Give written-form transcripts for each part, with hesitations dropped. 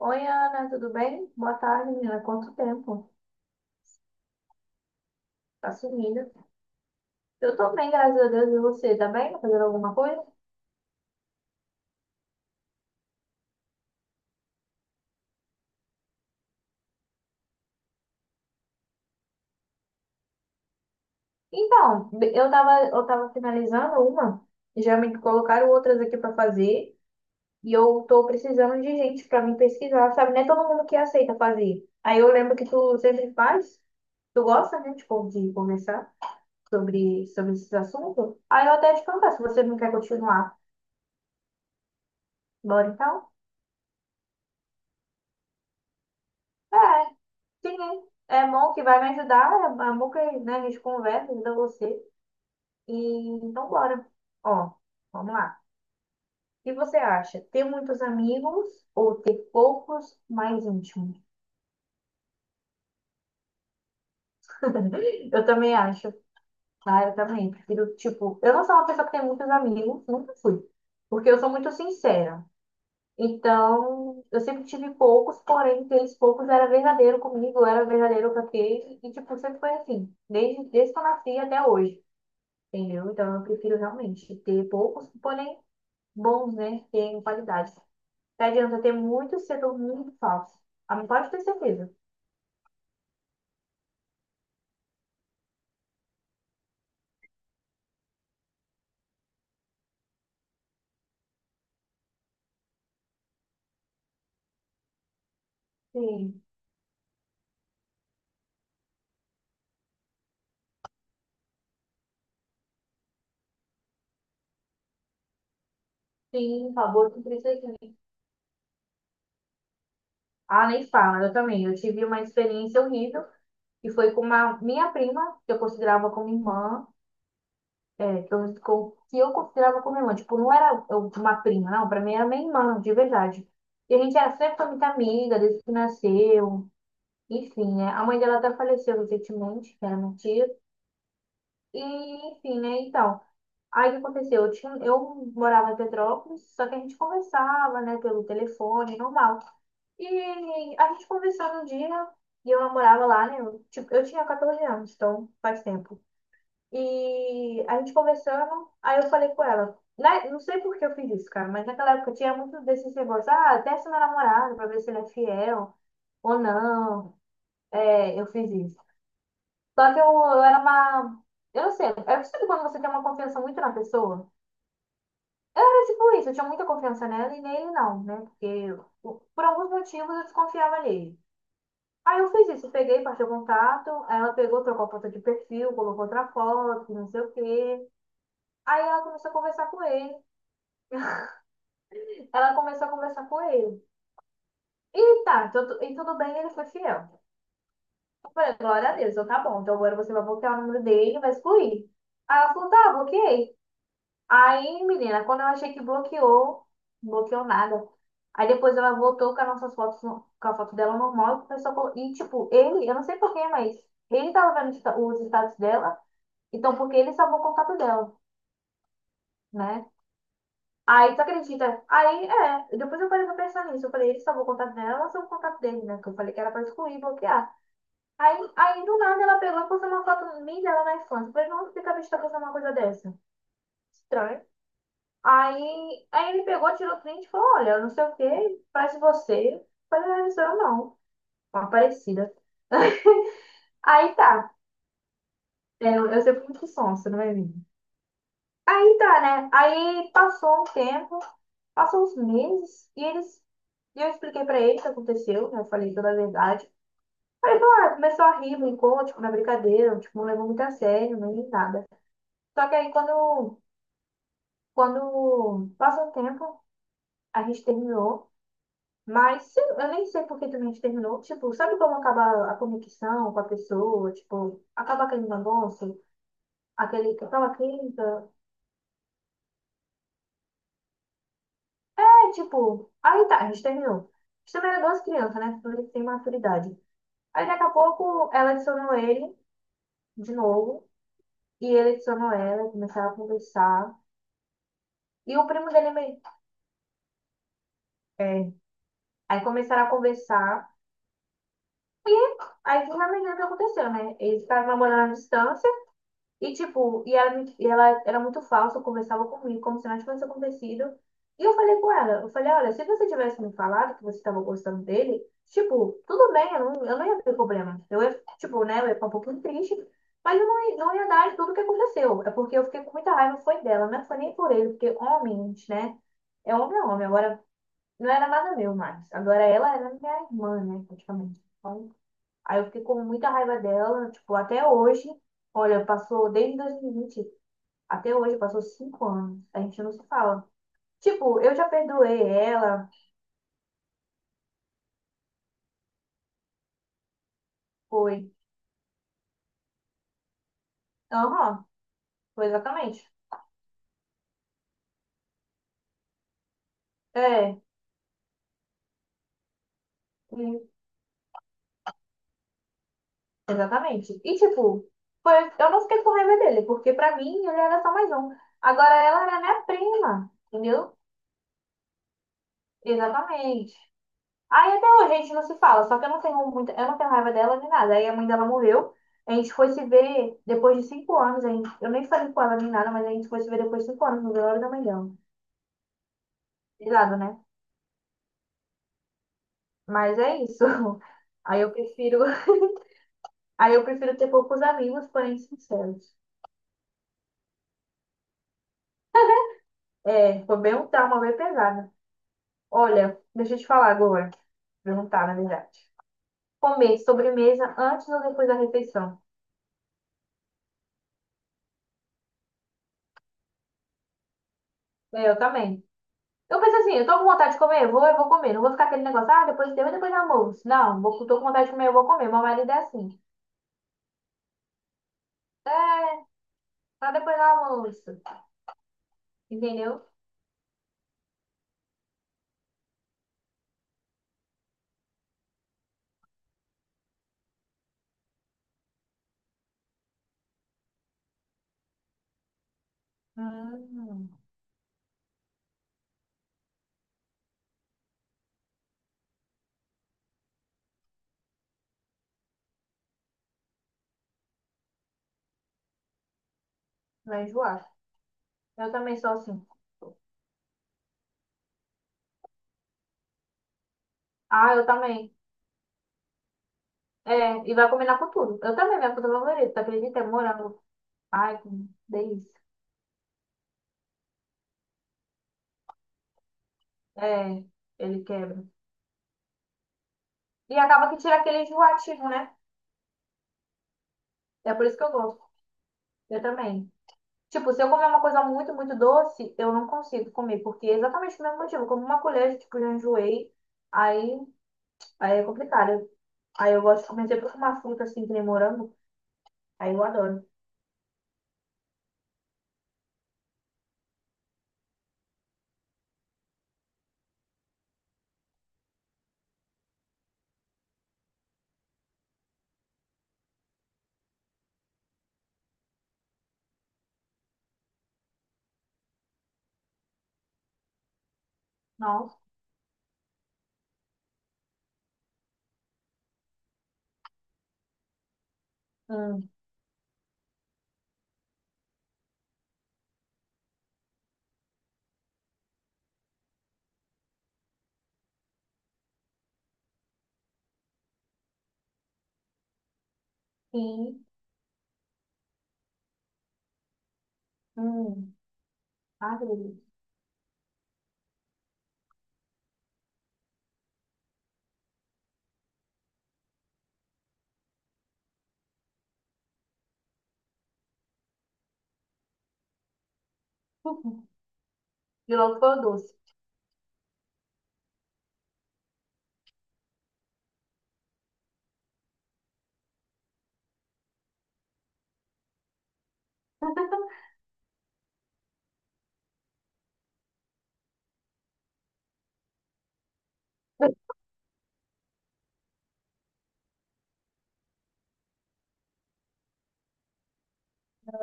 Oi, Ana, tudo bem? Boa tarde, menina. Quanto tempo? Tá sumida. Eu tô bem, graças a Deus. E você, tá bem? Tá fazendo alguma coisa? Então, eu tava finalizando uma, já me colocaram outras aqui pra fazer, e eu tô precisando de gente pra me pesquisar, sabe? Não é todo mundo que aceita fazer. Aí eu lembro que tu sempre faz, tu gosta, né, tipo, de conversar sobre esses assuntos. Aí eu até te perguntar se você não quer continuar. Bora então? É. Sim, né? É bom que vai me ajudar, a bom que, né, a gente conversa, ajuda você. E então bora. Ó, vamos lá. O que você acha? Ter muitos amigos ou ter poucos mais íntimos? Eu também acho. Ah, eu também. Prefiro, tipo, eu não sou uma pessoa que tem muitos amigos, nunca fui. Porque eu sou muito sincera. Então, eu sempre tive poucos, porém, aqueles poucos era verdadeiro comigo, eu era verdadeiro com aquele. E, tipo, sempre foi assim. Desde que eu nasci até hoje. Entendeu? Então eu prefiro realmente ter poucos, porém bons, né? Tem qualidade. Não adianta ter muito setor muito falso. Ah, mas pode ter certeza. Sim, sim, por favor, com isso aqui. Ah, nem fala, eu também. Eu tive uma experiência horrível e foi com uma minha prima, que eu considerava como irmã, é, que eu considerava como irmã. Tipo, não era uma prima, não. Pra mim era minha irmã, de verdade. E a gente era sempre foi muito amiga desde que nasceu. Enfim, né? A mãe dela até faleceu recentemente, que era minha tia. E, enfim, né? Então, aí o que aconteceu? Eu morava em Petrópolis, só que a gente conversava, né, pelo telefone, normal. E a gente conversou um dia, e eu namorava lá, né? Eu, tipo, eu tinha 14 anos, então faz tempo. E a gente conversando, aí eu falei com ela. Né? Não sei por que eu fiz isso, cara, mas naquela época tinha muito desses negócios. Ah, testa meu namorado pra ver se ele é fiel ou não. É, eu fiz isso. Só que eu era uma. Eu não sei, eu sabe quando você tem uma confiança muito na pessoa? Era tipo isso, eu tinha muita confiança nela e nele não, né? Porque eu, por alguns motivos eu desconfiava nele. Aí eu fiz isso, peguei, passei o contato, aí ela pegou, trocou a foto de perfil, colocou outra foto, não sei o quê. Aí ela começou a conversar com ele, ela começou a conversar com ele. E tá, tudo, e tudo bem, ele foi fiel. Eu falei, glória a Deus, eu, tá bom, então agora você vai bloquear o número dele, e vai excluir. Aí ela falou, tá, bloqueei. Aí, menina, quando eu achei que bloqueou, não bloqueou nada. Aí depois ela voltou com as nossas fotos, no, com a foto dela normal e começou a E, tipo, ele, eu não sei porquê, mas ele tava vendo os os status dela, então porque ele salvou o contato dela, né? Aí, tu acredita? Aí, é, depois eu parei pra pensar nisso. Eu falei, ele salvou o contato dela, ela salvou o contato dele, né? Que eu falei que era pra excluir, bloquear. Aí do nada, ela pegou e postou uma foto minha e dela na infância. Eu falei, não, fica a bicha tá postando uma coisa dessa. Estranho. Aí ele pegou, tirou print e falou, olha, não sei o que, parece você. Eu falei, "Ah, não, isso eu não, uma parecida." Aí tá. É, eu sempre fui muito sonsa, não é mesmo? Aí tá, né? Aí passou um tempo, passou uns meses, E eu expliquei pra ele o que aconteceu, né? Eu falei toda a verdade. Ah, começou a rir, brincou, tipo, na brincadeira, tipo, não levou muito a sério, nem nada. Só que aí quando, passou um tempo, a gente terminou. Mas eu nem sei por que também a gente terminou. Tipo, sabe como acaba a conexão com a pessoa? Tipo, acaba aquele negócio, aquele, aquela química. É, tipo, aí tá, a gente terminou. A gente também era duas crianças, né? Tudo tem maturidade. Aí daqui a pouco ela adicionou ele de novo. E ele adicionou ela, começaram a conversar. E o primo dele meio. É. Aí começaram a conversar. Aí finalmente o que aconteceu, né? Eles estavam namorando à distância. E, tipo, e ela, e ela era muito falsa, conversava comigo como se nada tivesse acontecido. E eu falei com ela, eu falei, olha, se você tivesse me falado que você estava gostando dele, tipo, tudo bem, eu não ia ter problema. Eu ia, tipo, né, eu ia ficar um pouquinho triste, mas eu não, ia- não ia dar tudo o que aconteceu. É porque eu fiquei com muita raiva, foi dela, não foi nem por ele, porque homens, né, é homem é homem. Agora, não era nada meu mais. Agora ela era minha irmã, né, praticamente. Então, aí eu fiquei com muita raiva dela, tipo, até hoje. Olha, passou desde 2020, até hoje, passou 5 anos. A gente não se fala. Tipo, eu já perdoei ela, foi. Aham, foi exatamente. É, hum, exatamente. E tipo, foi, eu não fiquei com raiva dele, porque pra mim ele era só mais um. Agora ela era minha prima, entendeu? Exatamente. Aí até hoje a gente não se fala, só que eu não tenho muita, eu não tenho raiva dela nem nada. Aí a mãe dela morreu, a gente foi se ver depois de 5 anos, a gente, eu nem falei com ela nem nada, mas a gente foi se ver depois de 5 anos, no velório da mãe dela. De lado, né? Mas é isso. Aí eu prefiro, aí eu prefiro ter poucos amigos, porém sinceros. É, foi bem um trauma bem pesado. Olha, deixa eu te falar agora. Perguntar, na verdade. Comer sobremesa antes ou depois da refeição? É, eu também. Eu penso assim, eu tô com vontade de comer, eu vou comer. Não vou ficar aquele negócio, ah, depois deu e depois do almoço. Não, vou, tô com vontade de comer, eu vou comer. Meu marido é assim, é, só depois do almoço. Entendeu? Hum, vai enjoar. Eu também sou assim. Ah, eu também. É, e vai combinar com tudo. Eu também, minha fruta favorita, tu acredita? É morango. Ai, que delícia. É, ele quebra. E acaba que tira aquele enjoativo, né? É por isso que eu gosto. Eu também. Tipo, se eu comer uma coisa muito, muito doce, eu não consigo comer, porque é exatamente o mesmo motivo. Eu como uma colher, tipo, já enjoei, aí, aí é complicado. Aí eu gosto, comecei por uma fruta assim, que nem morango, aí eu adoro. Nossa, hum, sim, hum, ai, que delícia. E logo foi o doce.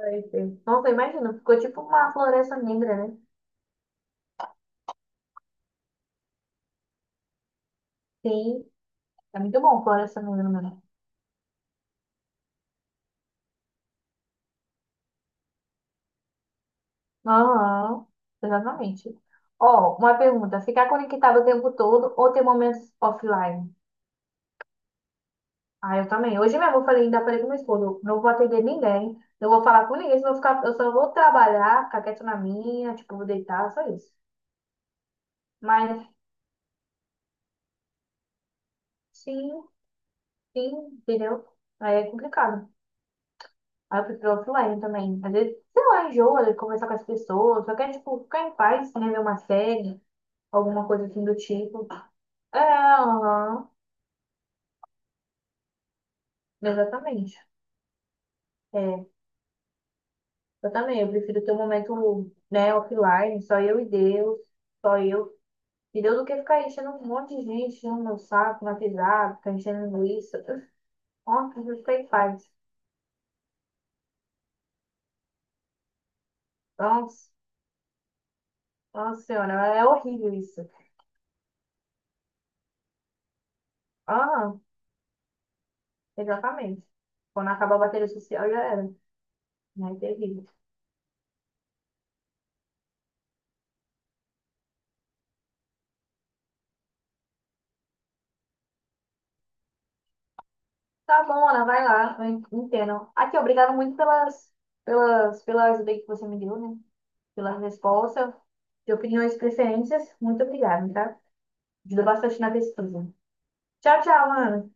Ai, sim. Nossa, imagina, ficou tipo uma floresta negra, né? Sim, é muito bom floresta negra, né? Aham, exatamente. Ó, uma pergunta. Ficar conectado o tempo todo ou ter momentos offline? Ah, eu também. Hoje mesmo eu falei, ainda falei com meu esposo, não vou atender ninguém, não vou falar com ninguém, senão eu, vou ficar, eu só vou trabalhar, ficar quieto na minha, tipo, vou deitar, só isso. Mas sim, sim, entendeu? Aí é complicado. Aí eu prefiro offline também. Às vezes, sei lá, enjoa de conversar com as pessoas, só quer, tipo, ficar em paz, né, ver uma série, alguma coisa assim do tipo. É, aham, exatamente. É, eu também, eu prefiro ter um momento, né, offline, só eu e Deus, só eu e Deus, do que ficar enchendo um monte de gente, enchendo meu saco, na pisada, ficar enchendo linguiça. Eu, nossa, eu fiquei em paz. Nossa, nossa senhora, é horrível isso. Aham, exatamente. Quando acabar a bateria social, já era, né, é terrível. Tá bom, Ana, vai lá, eu entendo. Aqui, obrigado muito pela ajuda que você me deu, né, pela resposta, de opiniões e preferências. Muito obrigada, tá? Ajuda bastante na pesquisa. Tchau, tchau, Ana.